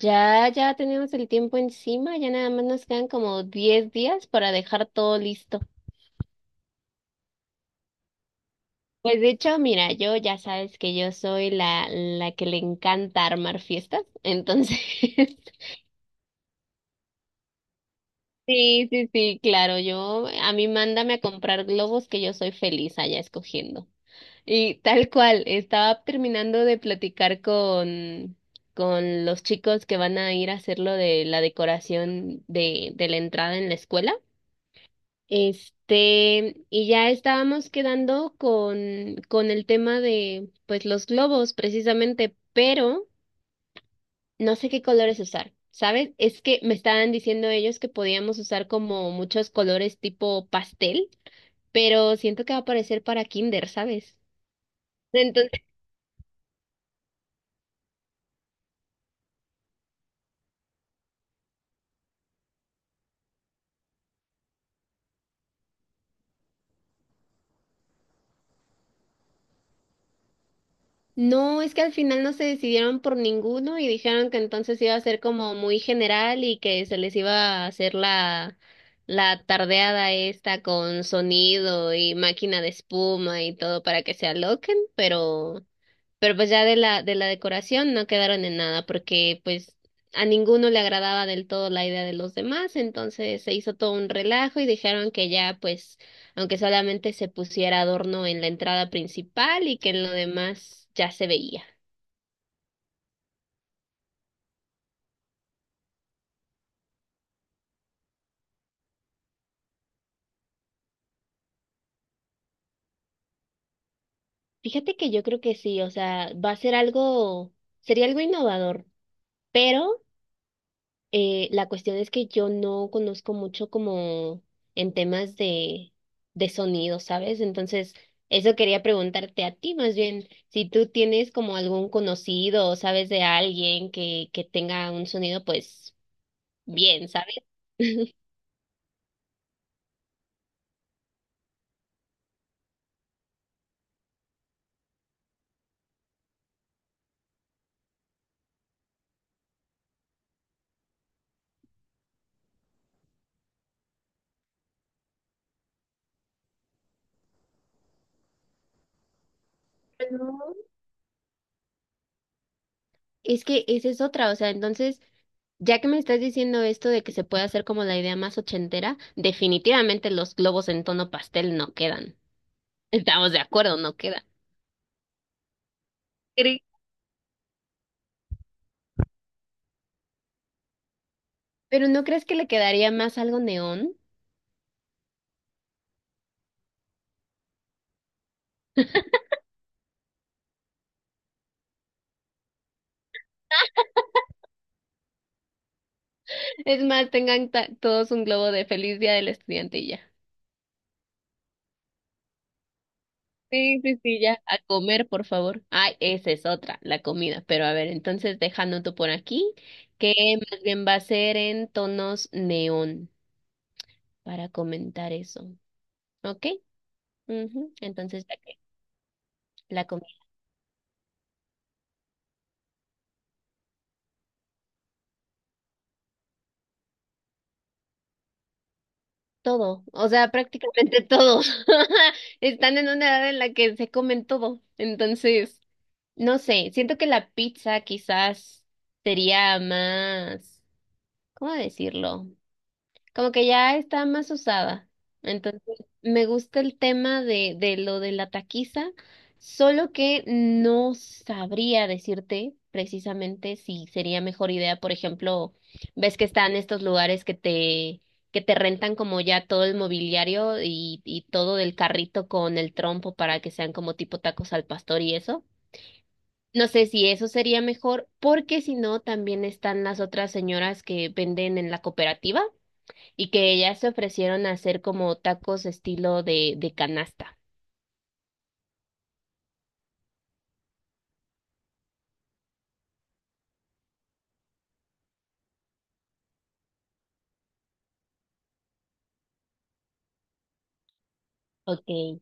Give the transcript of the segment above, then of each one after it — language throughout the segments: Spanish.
Ya, ya tenemos el tiempo encima, ya nada más nos quedan como 10 días para dejar todo listo. Pues de hecho, mira, yo ya sabes que yo soy la que le encanta armar fiestas, entonces, sí, sí, sí, claro, a mí mándame a comprar globos que yo soy feliz allá escogiendo. Y tal cual, estaba terminando de platicar con los chicos que van a ir a hacer lo de la decoración de la entrada en la escuela. Este, y ya estábamos quedando con el tema de, pues, los globos, precisamente, pero no sé qué colores usar, ¿sabes? Es que me estaban diciendo ellos que podíamos usar como muchos colores tipo pastel, pero siento que va a parecer para kinder, ¿sabes? No, es que al final no se decidieron por ninguno y dijeron que entonces iba a ser como muy general y que se les iba a hacer la tardeada esta con sonido y máquina de espuma y todo para que se aloquen, pero pues ya de la decoración no quedaron en nada, porque pues a ninguno le agradaba del todo la idea de los demás, entonces se hizo todo un relajo y dijeron que ya pues, aunque solamente se pusiera adorno en la entrada principal y que en lo demás ya se veía. Fíjate que yo creo que sí, o sea, va a ser algo, sería algo innovador, pero la cuestión es que yo no conozco mucho como en temas de sonido, ¿sabes? Entonces, eso quería preguntarte a ti más bien, si tú tienes como algún conocido o sabes de alguien que tenga un sonido, pues bien, ¿sabes? Bueno, es que esa es otra, o sea, entonces, ya que me estás diciendo esto de que se puede hacer como la idea más ochentera, definitivamente los globos en tono pastel no quedan. Estamos de acuerdo, no quedan. Pero ¿no crees que le quedaría más algo neón? Es más, tengan todos un globo de feliz día del estudiante y ya. Sí, sí, sí, ya. A comer, por favor. Ay, esa es otra, la comida. Pero a ver, entonces dejándote por aquí, que más bien va a ser en tonos neón para comentar eso. ¿Ok? Ujú. Entonces, ya que la comida, todo, o sea, prácticamente todo. Están en una edad en la que se comen todo. Entonces. No sé, siento que la pizza quizás sería más, ¿cómo decirlo? Como que ya está más usada. Entonces, me gusta el tema de lo de la taquiza, solo que no sabría decirte precisamente si sería mejor idea, por ejemplo, ves que están estos lugares que te rentan como ya todo el mobiliario y todo del carrito con el trompo para que sean como tipo tacos al pastor y eso. No sé si eso sería mejor, porque si no, también están las otras señoras que venden en la cooperativa y que ellas se ofrecieron a hacer como tacos estilo de canasta. Ok,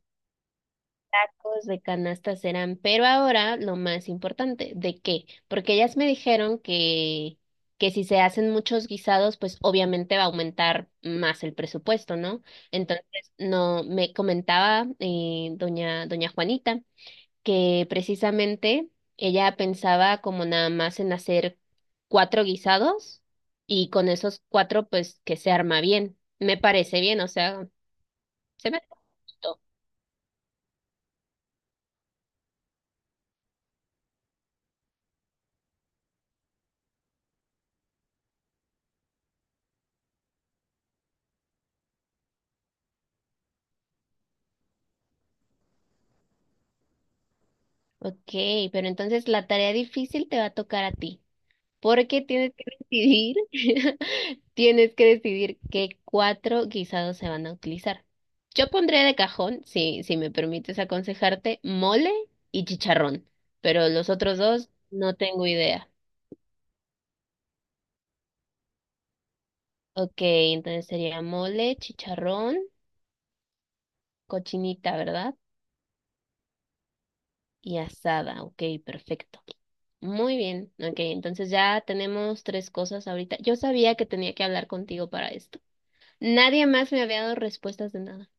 tacos de canasta serán, pero ahora lo más importante, ¿de qué? Porque ellas me dijeron que si se hacen muchos guisados, pues obviamente va a aumentar más el presupuesto, ¿no? Entonces, no, me comentaba doña Juanita que precisamente ella pensaba como nada más en hacer 4 guisados y con esos cuatro pues que se arma bien. Me parece bien, o sea, se me gustó. Ok, pero entonces la tarea difícil te va a tocar a ti, porque tienes que decidir, tienes que decidir qué 4 guisados se van a utilizar. Yo pondré de cajón, si me permites aconsejarte, mole y chicharrón, pero los otros dos no tengo idea. Ok, entonces sería mole, chicharrón, cochinita, ¿verdad? Y asada, ok, perfecto. Muy bien, ok, entonces ya tenemos 3 cosas ahorita. Yo sabía que tenía que hablar contigo para esto. Nadie más me había dado respuestas de nada.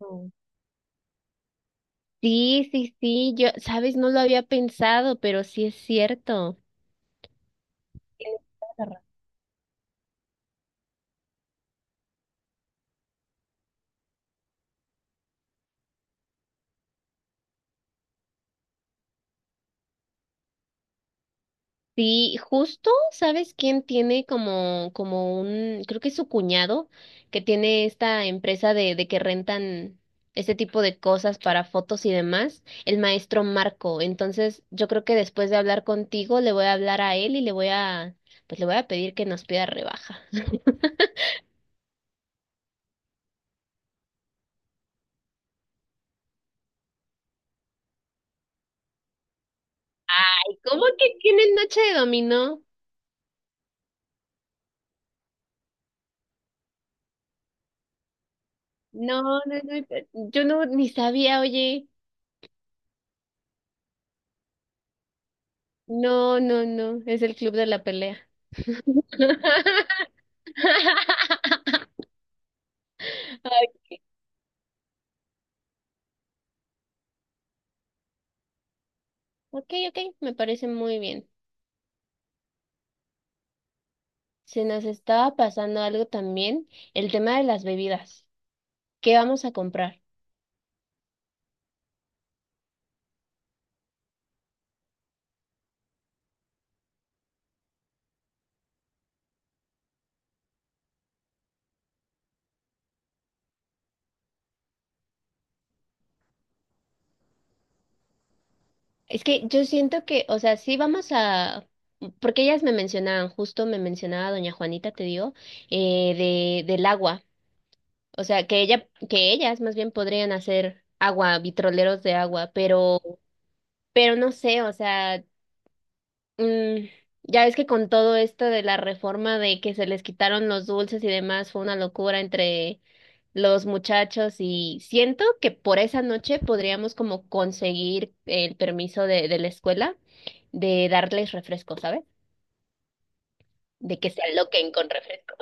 Oh. Sí, sí, sí, yo, sabes, no lo había pensado, pero sí es cierto. Tienes toda la. Sí, justo, ¿sabes quién tiene como un, creo que es su cuñado, que tiene esta empresa de que rentan ese tipo de cosas para fotos y demás, el maestro Marco. Entonces, yo creo que después de hablar contigo, le voy a hablar a él y le voy a, pues le voy a pedir que nos pida rebaja. ¿Cómo que tienen noche de dominó? No, no, no, yo no ni sabía, oye. No, no, no, es el club de la pelea. Ok, ok, me parece muy bien. Se nos estaba pasando algo también, el tema de las bebidas. ¿Qué vamos a comprar? Es que yo siento que, o sea, porque ellas me mencionaban, justo me mencionaba doña Juanita, te digo, eh, del agua. O sea, que ellas más bien podrían hacer agua, vitroleros de agua, pero no sé, o sea. Mm, ya ves que con todo esto de la reforma de que se les quitaron los dulces y demás, fue una locura entre los muchachos y siento que por esa noche podríamos como conseguir el permiso de la escuela de darles refresco, ¿sabes? De que se aloquen con refresco.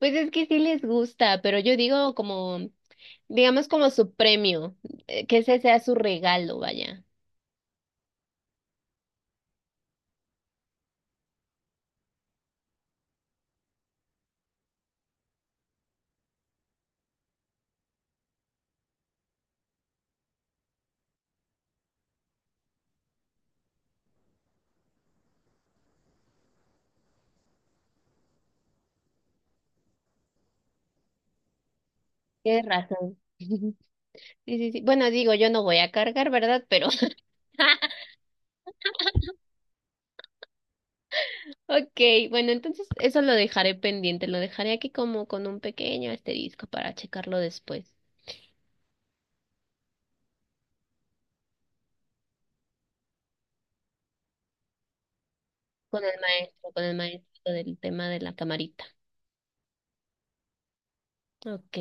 Pues es que sí les gusta, pero yo digo digamos como su premio, que ese sea su regalo, vaya. Tienes razón. Sí, sí, sí. Bueno, digo, yo no voy a cargar, ¿verdad? Pero Ok, bueno, entonces eso lo dejaré pendiente, lo dejaré aquí como con un pequeño asterisco para checarlo después con el maestro del tema de la camarita. Ok.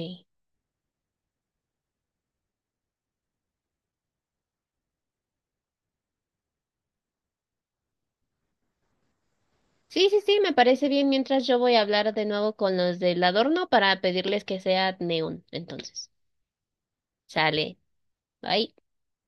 Sí, sí, sí, me parece bien. Mientras yo voy a hablar de nuevo con los del adorno para pedirles que sea neón, entonces. Sale. Bye.